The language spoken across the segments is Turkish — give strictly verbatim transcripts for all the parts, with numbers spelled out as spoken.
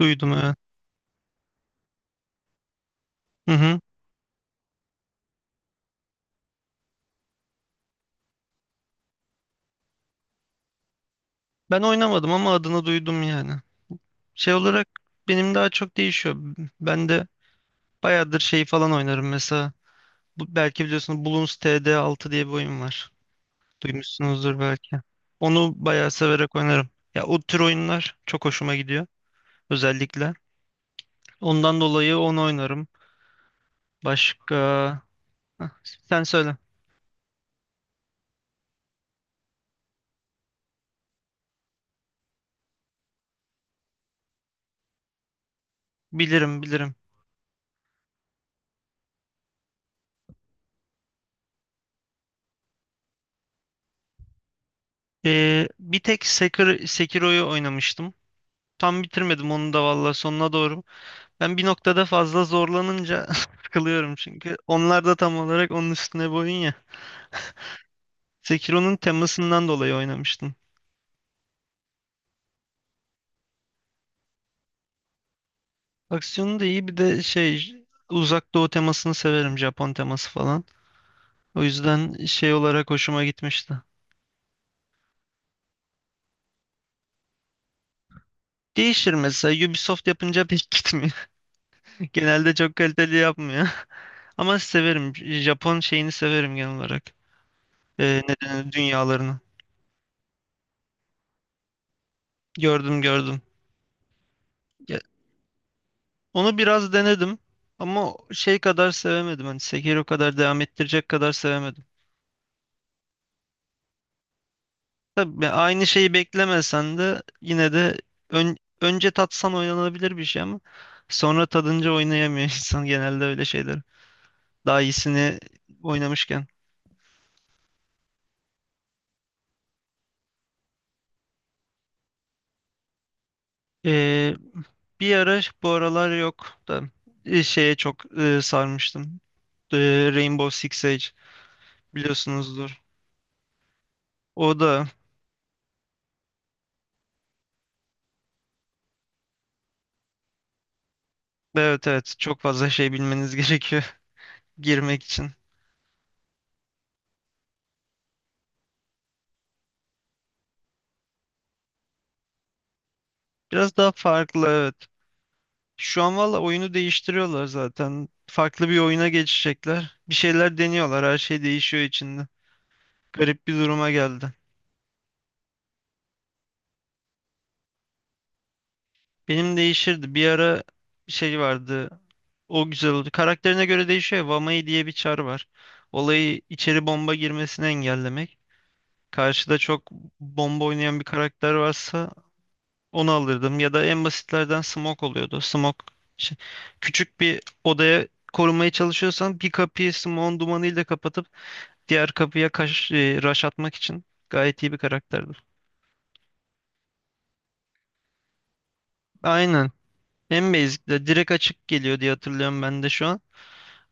Duydum evet. Hı hı. Ben oynamadım ama adını duydum yani. Şey olarak benim daha çok değişiyor. Ben de bayağıdır şey falan oynarım mesela. Bu, belki biliyorsunuz Bloons T D altı diye bir oyun var. Duymuşsunuzdur belki. Onu bayağı severek oynarım. Ya o tür oyunlar çok hoşuma gidiyor özellikle. Ondan dolayı onu oynarım. Başka... Hah, sen söyle. Bilirim bilirim. Ee, bir tek Sekir- Sekiro'yu oynamıştım. Tam bitirmedim onu da valla sonuna doğru. Ben bir noktada fazla zorlanınca sıkılıyorum çünkü. Onlar da tam olarak onun üstüne boyun ya. Sekiro'nun temasından dolayı oynamıştım. Aksiyonu da iyi bir de şey uzak doğu temasını severim, Japon teması falan. O yüzden şey olarak hoşuma gitmişti. Değişir, mesela Ubisoft yapınca pek gitmiyor. Genelde çok kaliteli yapmıyor. Ama severim, Japon şeyini severim genel olarak. Ee, ne denir, dünyalarını. Gördüm gördüm. Onu biraz denedim ama şey kadar sevemedim. Hani Sekiro kadar devam ettirecek kadar sevemedim. Tabii ben aynı şeyi beklemesen de yine de ön- önce tatsan oynanabilir bir şey ama sonra tadınca oynayamıyor insan, genelde öyle şeyler. Daha iyisini oynamışken. Ee, Bir ara bu aralar yok da e, şeye çok e, sarmıştım. Ee, Rainbow Six Siege biliyorsunuzdur. O da evet evet, çok fazla şey bilmeniz gerekiyor girmek için. Biraz daha farklı evet. Şu an valla oyunu değiştiriyorlar zaten. Farklı bir oyuna geçecekler. Bir şeyler deniyorlar. Her şey değişiyor içinde. Garip bir duruma geldi. Benim değişirdi. Bir ara şey vardı. O güzel oldu. Karakterine göre değişiyor. ya, Vamai diye bir çar var. Olayı içeri bomba girmesini engellemek. Karşıda çok bomba oynayan bir karakter varsa Onu alırdım ya da en basitlerden smoke oluyordu. Smoke şey- küçük bir odaya korumaya çalışıyorsan bir kapıyı smoke'un dumanıyla kapatıp diğer kapıya kaş, e, rush atmak için gayet iyi bir karakterdi. Aynen. En basic de direkt açık geliyor diye hatırlıyorum ben de şu an.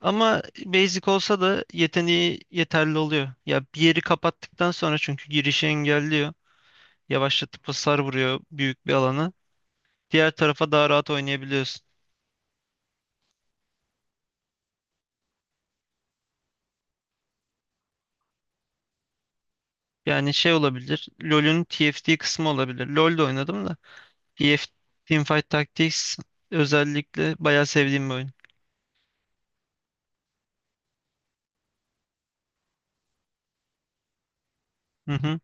Ama basic olsa da yeteneği yeterli oluyor. Ya bir yeri kapattıktan sonra çünkü girişi engelliyor. Yavaşlatıp hasar vuruyor büyük bir alana. Diğer tarafa daha rahat oynayabiliyorsun. Yani şey olabilir. LoL'ün T F T kısmı olabilir. LoL'de oynadım da. T F T Teamfight Tactics özellikle bayağı sevdiğim bir oyun. Hı hı.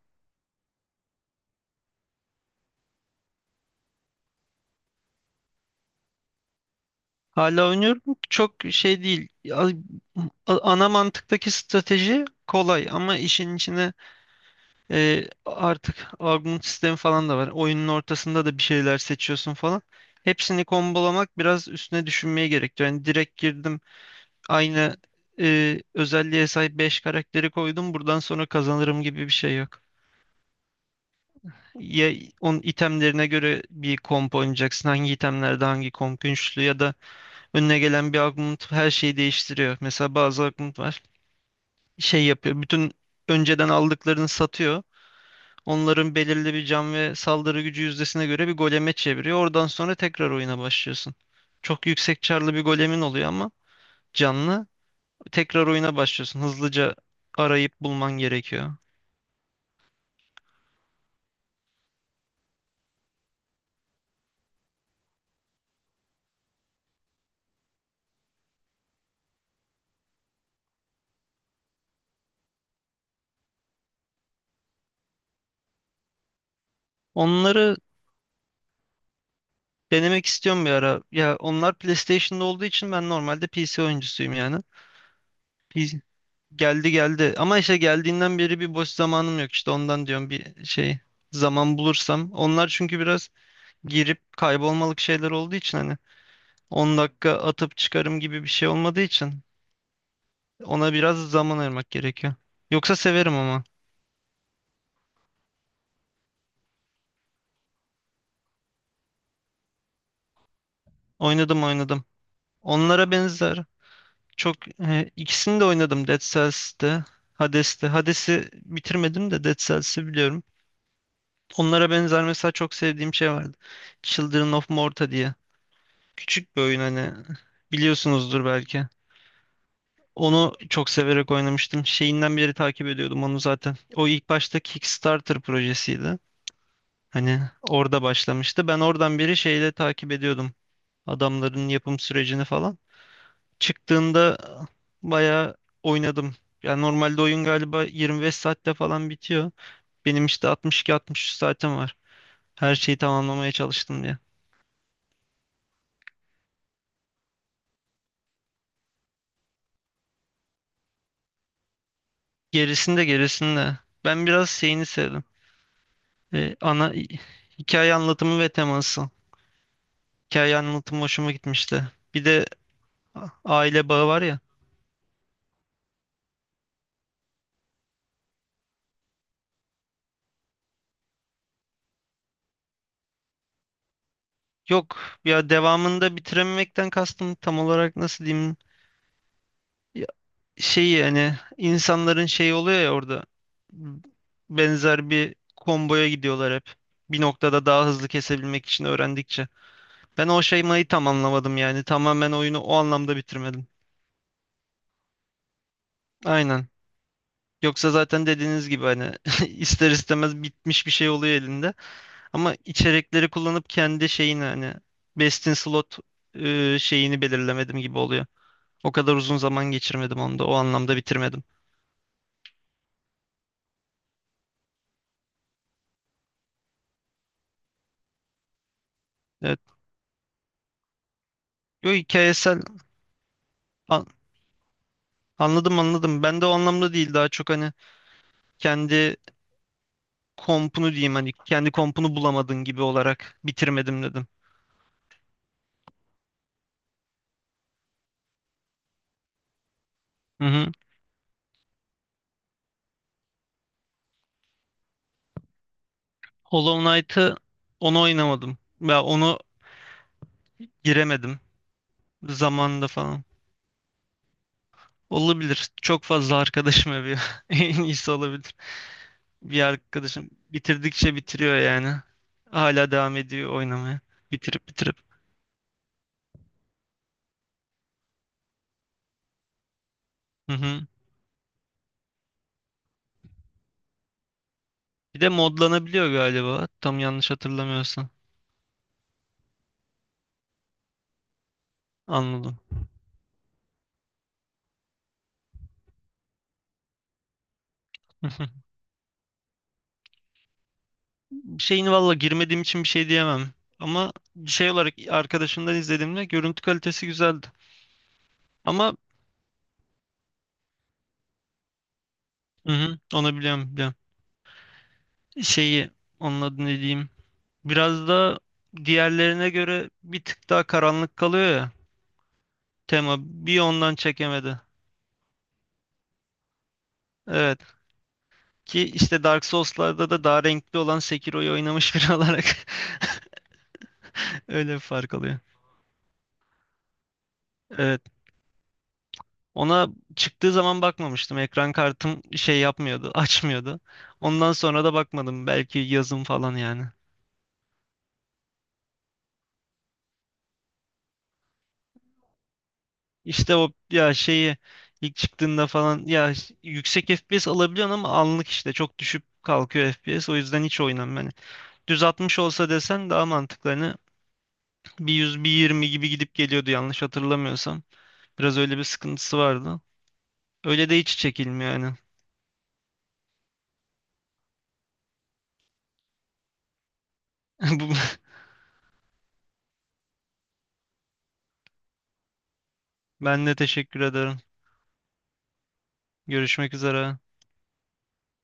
Hala oynuyorum. Çok şey değil. Ya, a- ana mantıktaki strateji kolay ama işin içine e, artık augment sistemi falan da var. Oyunun ortasında da bir şeyler seçiyorsun falan. Hepsini kombolamak biraz üstüne düşünmeye gerektiriyor. Yani direkt girdim, aynı e, özelliğe sahip beş karakteri koydum. Buradan sonra kazanırım gibi bir şey yok. Ya, onun itemlerine göre bir komp oynayacaksın. Hangi itemlerde hangi komp güçlü ya da önüne gelen bir augment her şeyi değiştiriyor. Mesela bazı augment var. Şey yapıyor. Bütün önceden aldıklarını satıyor. Onların belirli bir can ve saldırı gücü yüzdesine göre bir goleme çeviriyor. Oradan sonra tekrar oyuna başlıyorsun. Çok yüksek çarlı bir golemin oluyor ama canlı. tekrar oyuna başlıyorsun. Hızlıca arayıp bulman gerekiyor. Onları denemek istiyorum bir ara. Ya onlar PlayStation'da olduğu için ben normalde P C oyuncusuyum yani. P- C geldi geldi. Ama işte geldiğinden beri bir boş zamanım yok, işte ondan diyorum bir şey zaman bulursam. Onlar çünkü biraz girip kaybolmalık şeyler olduğu için hani on dakika atıp çıkarım gibi bir şey olmadığı için ona biraz zaman ayırmak gerekiyor. Yoksa severim ama. Oynadım oynadım. Onlara benzer. Çok e, ikisini de oynadım, Dead Cells'te, Hades'te. Hades'i bitirmedim de Dead Cells'i biliyorum. Onlara benzer mesela çok sevdiğim şey vardı. Children of Morta diye. Küçük bir oyun, hani biliyorsunuzdur belki. Onu çok severek oynamıştım. Şeyinden beri takip ediyordum onu zaten. O ilk başta Kickstarter projesiydi. Hani orada başlamıştı. Ben oradan beri şeyle takip ediyordum. Adamların yapım sürecini falan. çıktığında bayağı oynadım. Yani normalde oyun galiba yirmi beş saatte falan bitiyor. Benim işte altmış iki altmış üç saatim var. Her şeyi tamamlamaya çalıştım diye. Gerisinde gerisinde. Ben biraz şeyini sevdim. Ee, ana hi- hikaye anlatımı ve teması. Hikaye anlatımı hoşuma gitmişti. Bir de a- aile bağı var ya. Yok ya, devamında bitirememekten kastım tam olarak nasıl diyeyim? şeyi hani, insanların şeyi oluyor ya orada, benzer bir komboya gidiyorlar hep. Bir noktada daha hızlı kesebilmek için öğrendikçe. Ben o şeymayı tam anlamadım yani. Tamamen oyunu o anlamda bitirmedim. Aynen. Yoksa zaten dediğiniz gibi hani ister istemez bitmiş bir şey oluyor elinde. Ama içerikleri kullanıp kendi şeyini hani, best in slot e, şeyini belirlemedim gibi oluyor. O kadar uzun zaman geçirmedim onda. O anlamda bitirmedim. Evet. Yo, hikayesel... a- Anladım anladım. Ben de o anlamda değil. Daha çok hani kendi kompunu diyeyim, hani kendi kompunu bulamadın gibi olarak bitirmedim dedim. Hı hı. Hollow Knight'ı onu oynamadım. Ya onu giremedim zamanında falan. Olabilir. Çok fazla arkadaşım övüyor. En iyisi olabilir. Bir arkadaşım bitirdikçe bitiriyor yani. Hala devam ediyor oynamaya. Bitirip bitirip. Hı hı. Bir de modlanabiliyor galiba, tam yanlış hatırlamıyorsam. Anladım. Şeyin valla girmediğim için bir şey diyemem. Ama şey olarak arkadaşımdan izlediğimde görüntü kalitesi güzeldi. Ama hı hı, onu biliyorum, biliyorum. Şeyi, onun adını ne diyeyim. Biraz da diğerlerine göre bir tık daha karanlık kalıyor ya. Tema bir ondan çekemedi. Evet. Ki işte Dark Souls'larda da daha renkli olan Sekiro'yu oynamış biri olarak öyle bir fark oluyor. Evet. Ona çıktığı zaman bakmamıştım. Ekran kartım şey yapmıyordu, açmıyordu. Ondan sonra da bakmadım. Belki yazın falan yani. İşte o ya şeyi ilk çıktığında falan ya, yüksek F P S alabiliyorsun ama anlık işte çok düşüp kalkıyor F P S. O yüzden hiç oynamam yani. Düz altmış olsa desen daha mantıklı. Hani bir yüz bir yirmi gibi gidip geliyordu yanlış hatırlamıyorsam. Biraz öyle bir sıkıntısı vardı. Öyle de hiç çekilmiyor yani. Bu- Ben de teşekkür ederim. Görüşmek üzere.